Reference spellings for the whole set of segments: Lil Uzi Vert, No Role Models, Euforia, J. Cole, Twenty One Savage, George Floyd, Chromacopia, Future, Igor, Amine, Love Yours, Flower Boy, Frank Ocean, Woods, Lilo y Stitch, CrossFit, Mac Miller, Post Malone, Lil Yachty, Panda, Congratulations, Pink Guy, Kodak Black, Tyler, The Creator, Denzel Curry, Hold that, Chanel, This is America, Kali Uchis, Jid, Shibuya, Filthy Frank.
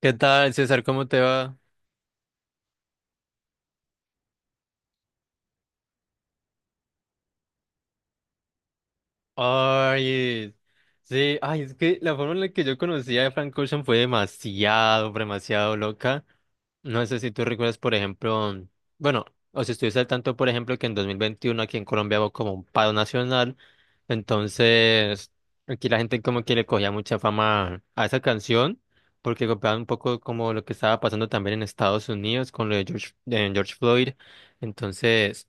¿Qué tal, César? ¿Cómo te va? Ay, sí, es que la forma en la que yo conocí a Frank Ocean fue demasiado, pero demasiado loca. No sé si tú recuerdas, por ejemplo, bueno, o si estuviste al tanto, por ejemplo, que en 2021 aquí en Colombia hubo como un paro nacional, entonces aquí la gente como que le cogía mucha fama a esa canción, porque copiaba un poco como lo que estaba pasando también en Estados Unidos con lo de George Floyd, entonces...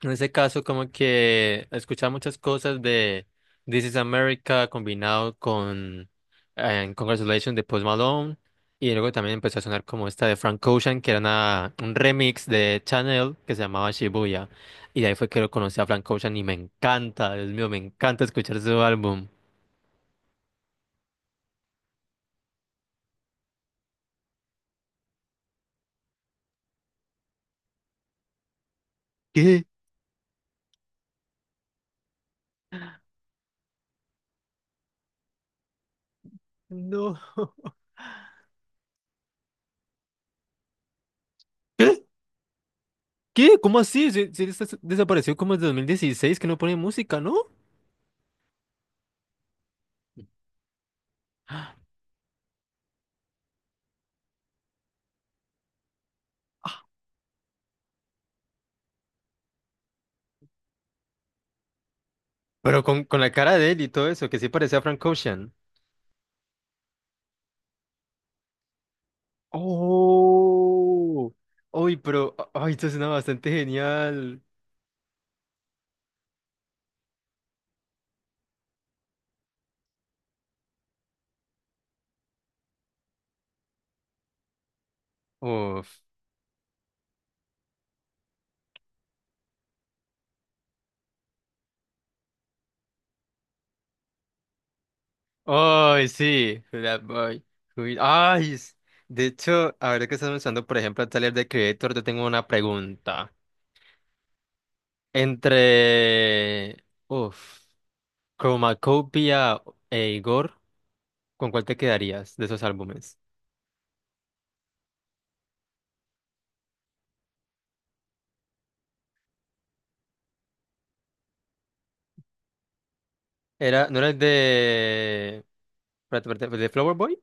En ese caso, como que escuchaba muchas cosas de This is America combinado con Congratulations de Post Malone. Y luego también empezó a sonar como esta de Frank Ocean, que era un remix de Chanel que se llamaba Shibuya. Y de ahí fue que lo conocí a Frank Ocean y me encanta, Dios mío, me encanta escuchar su álbum. ¿Qué? No. ¿Qué? ¿Qué? ¿Cómo así? Si él desapareció como desde 2016, que no pone música, ¿no? Pero con la cara de él y todo eso, que sí parecía Frank Ocean. Oh. Uy, pero, ay, esto suena bastante genial. Uf. Ay, sí. That Boy. Uy, de hecho, ahora que estás usando, por ejemplo, el taller de Creator, yo tengo una pregunta. Entre, uf, Chromacopia e Igor, con cuál te quedarías de esos álbumes? Era, ¿no era el de, espérate, el de Flower Boy?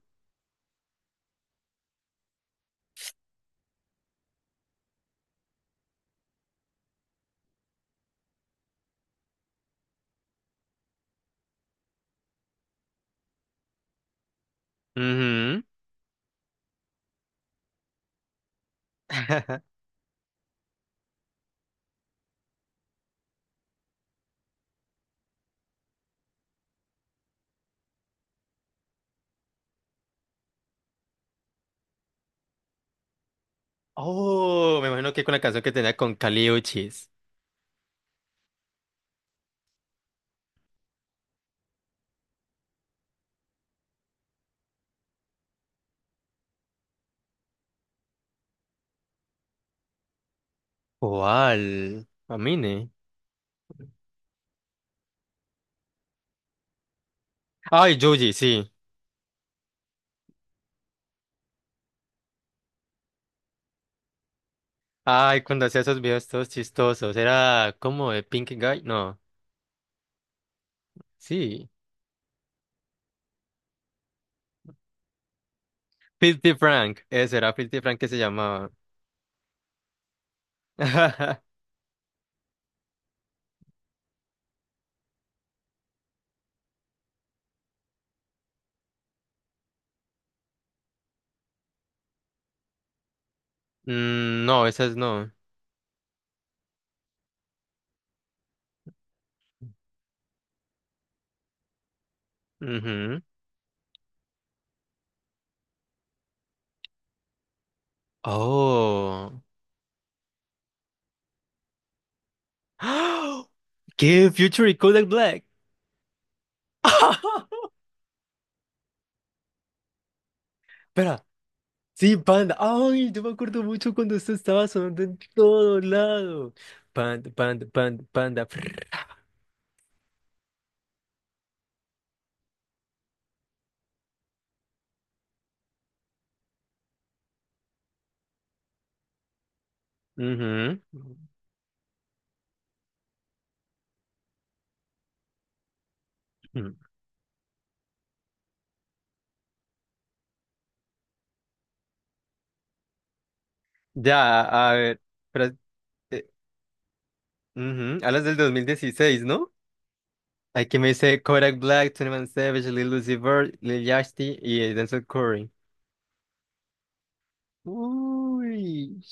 Ujú. Oh, me imagino que con la canción que tenía con Kali Uchis. ¿Cuál? ¿Amine? Ay, Yuji, sí. Ay, cuando hacía esos videos todos chistosos. Era como de Pink Guy. No, sí. Filthy Frank. Ese era Filthy Frank que se llamaba. Mm, no, esas no. Ujú. Oh. ¿Qué? ¿Future y Kodak Black? Espera. Sí, Panda. Ay, yo me acuerdo mucho cuando esto estaba sonando en todo lado. Panda, panda, panda, panda. Frrr. Ujú, ujú. Ya, a ver. Pero, eh, ujú, ¿hablas del dos mil dieciséis, no? Hay que me dice Kodak Black, Twenty One Savage, Lil Uzi Vert, Lil Yachty y Denzel Curry. Uy.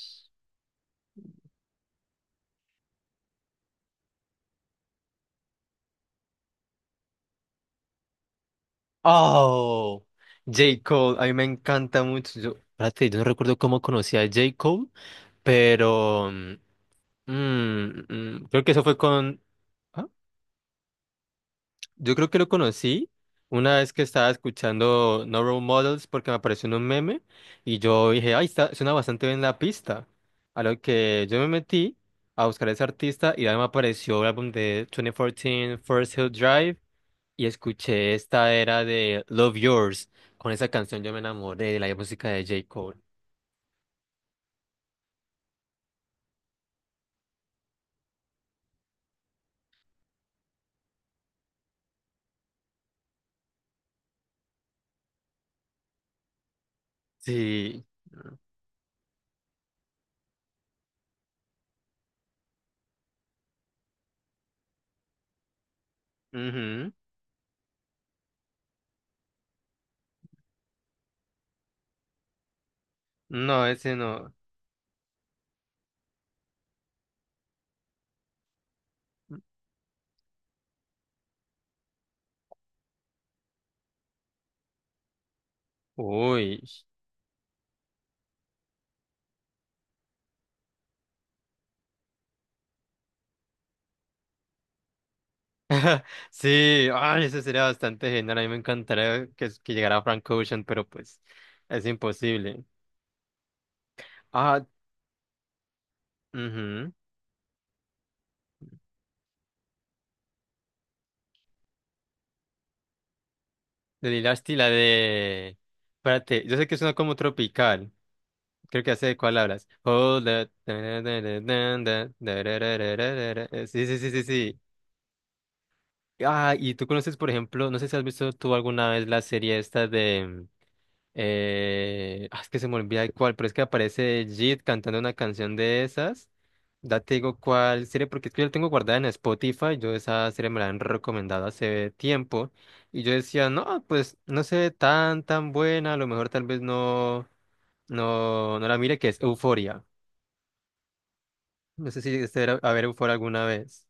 Oh, J. Cole. A mí me encanta mucho. Yo, espérate, yo no recuerdo cómo conocí a J. Cole, pero. Mm, creo que eso fue con... ¿ah? Yo creo que lo conocí una vez que estaba escuchando No Role Models porque me apareció en un meme y yo dije, ay, está, suena bastante bien la pista. A lo que yo me metí a buscar a ese artista y ahí me apareció el álbum de 2014 First Hill Drive y escuché esta era de Love Yours. Con esa canción yo me enamoré de la música de J. Cole. Sí. Ujú. No, ese no. Uy. Sí, ay, eso sería bastante genial. A mí me encantaría que llegara Frank Ocean, pero pues es imposible. Ah, mhm. De Lilo y Stitch, la de. Espérate, yo sé que suena como tropical. Creo que ya sé de cuál hablas. Hold That. Sí, sí, sí, sí, sí. Ah, y tú conoces, por ejemplo, no sé si has visto tú alguna vez la serie esta de. Es que se me olvida el cuál, pero es que aparece Jid cantando una canción de esas. Ya te digo cuál serie, porque es que yo la tengo guardada en Spotify. Yo esa serie me la han recomendado hace tiempo. Y yo decía, no, pues no sé, tan, tan buena. A lo mejor tal vez no la mire, que es Euforia. No sé si este era a ver Euforia alguna vez.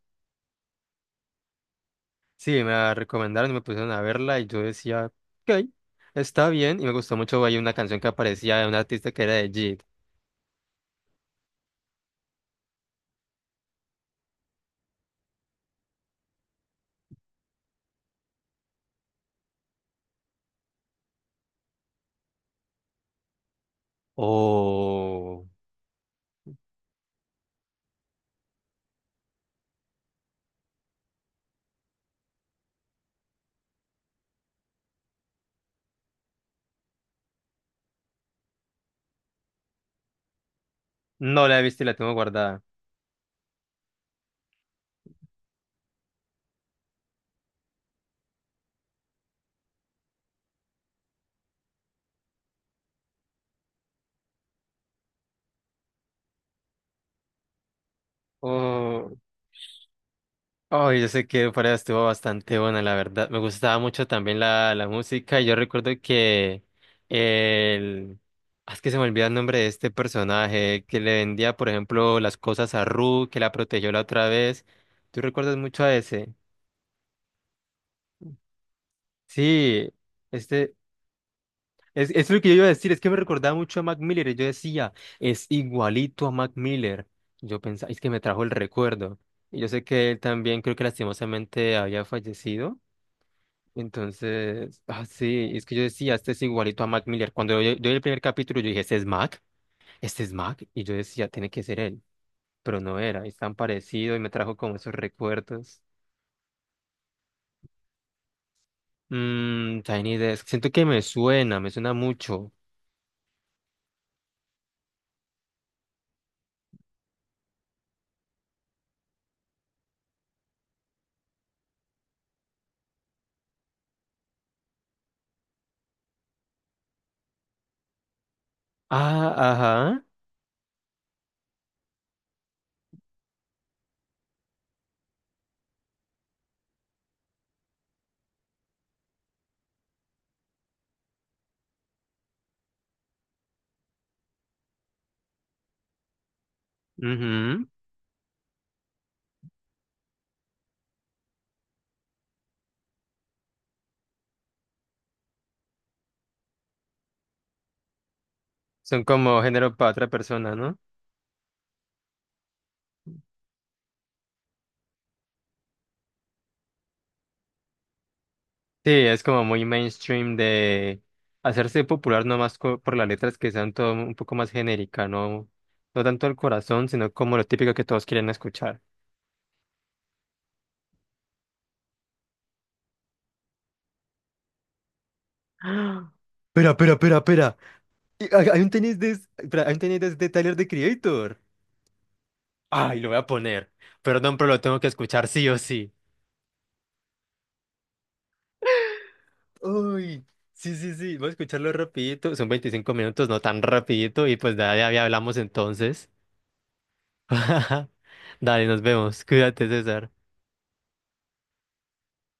Sí, me la recomendaron y me pusieron a verla. Y yo decía, ok, está bien. Y me gustó mucho. Hay una canción que aparecía de un artista que era de Jid. Oh, no la he visto y la tengo guardada. Oh, oh, yo sé que fuera estuvo bastante buena, la verdad. Me gustaba mucho también la música. Yo recuerdo que el... ah, es que se me olvida el nombre de este personaje que le vendía, por ejemplo, las cosas a Ru, que la protegió la otra vez. ¿Tú recuerdas mucho a ese? Sí, este... Es lo que yo iba a decir, es que me recordaba mucho a Mac Miller. Y yo decía, es igualito a Mac Miller. Yo pensaba, es que me trajo el recuerdo. Y yo sé que él también, creo que lastimosamente había fallecido. Entonces, ah, sí, es que yo decía, este es igualito a Mac Miller. Cuando yo vi el primer capítulo, yo dije, este es Mac, este es Mac. Y yo decía, tiene que ser él. Pero no era, es tan parecido y me trajo como esos recuerdos. Mmm, Tiny Desk, siento que me suena mucho. Ah, ajá. Son como género para otra persona, ¿no? Sí, es como muy mainstream de hacerse popular nomás por las letras que sean todo un poco más genérica, no, no tanto el corazón, sino como lo típico que todos quieren escuchar. ¡Ah! Espera, espera, espera, espera. Hay un tenis de, espera, hay un tenis de Tyler, The Creator. Ay, lo voy a poner. Perdón, pero lo tengo que escuchar sí o sí. Uy, sí, sí, sí. Voy a escucharlo rapidito. Son 25 minutos, no tan rapidito. Y pues de ahí hablamos entonces. Dale, nos vemos. Cuídate, César.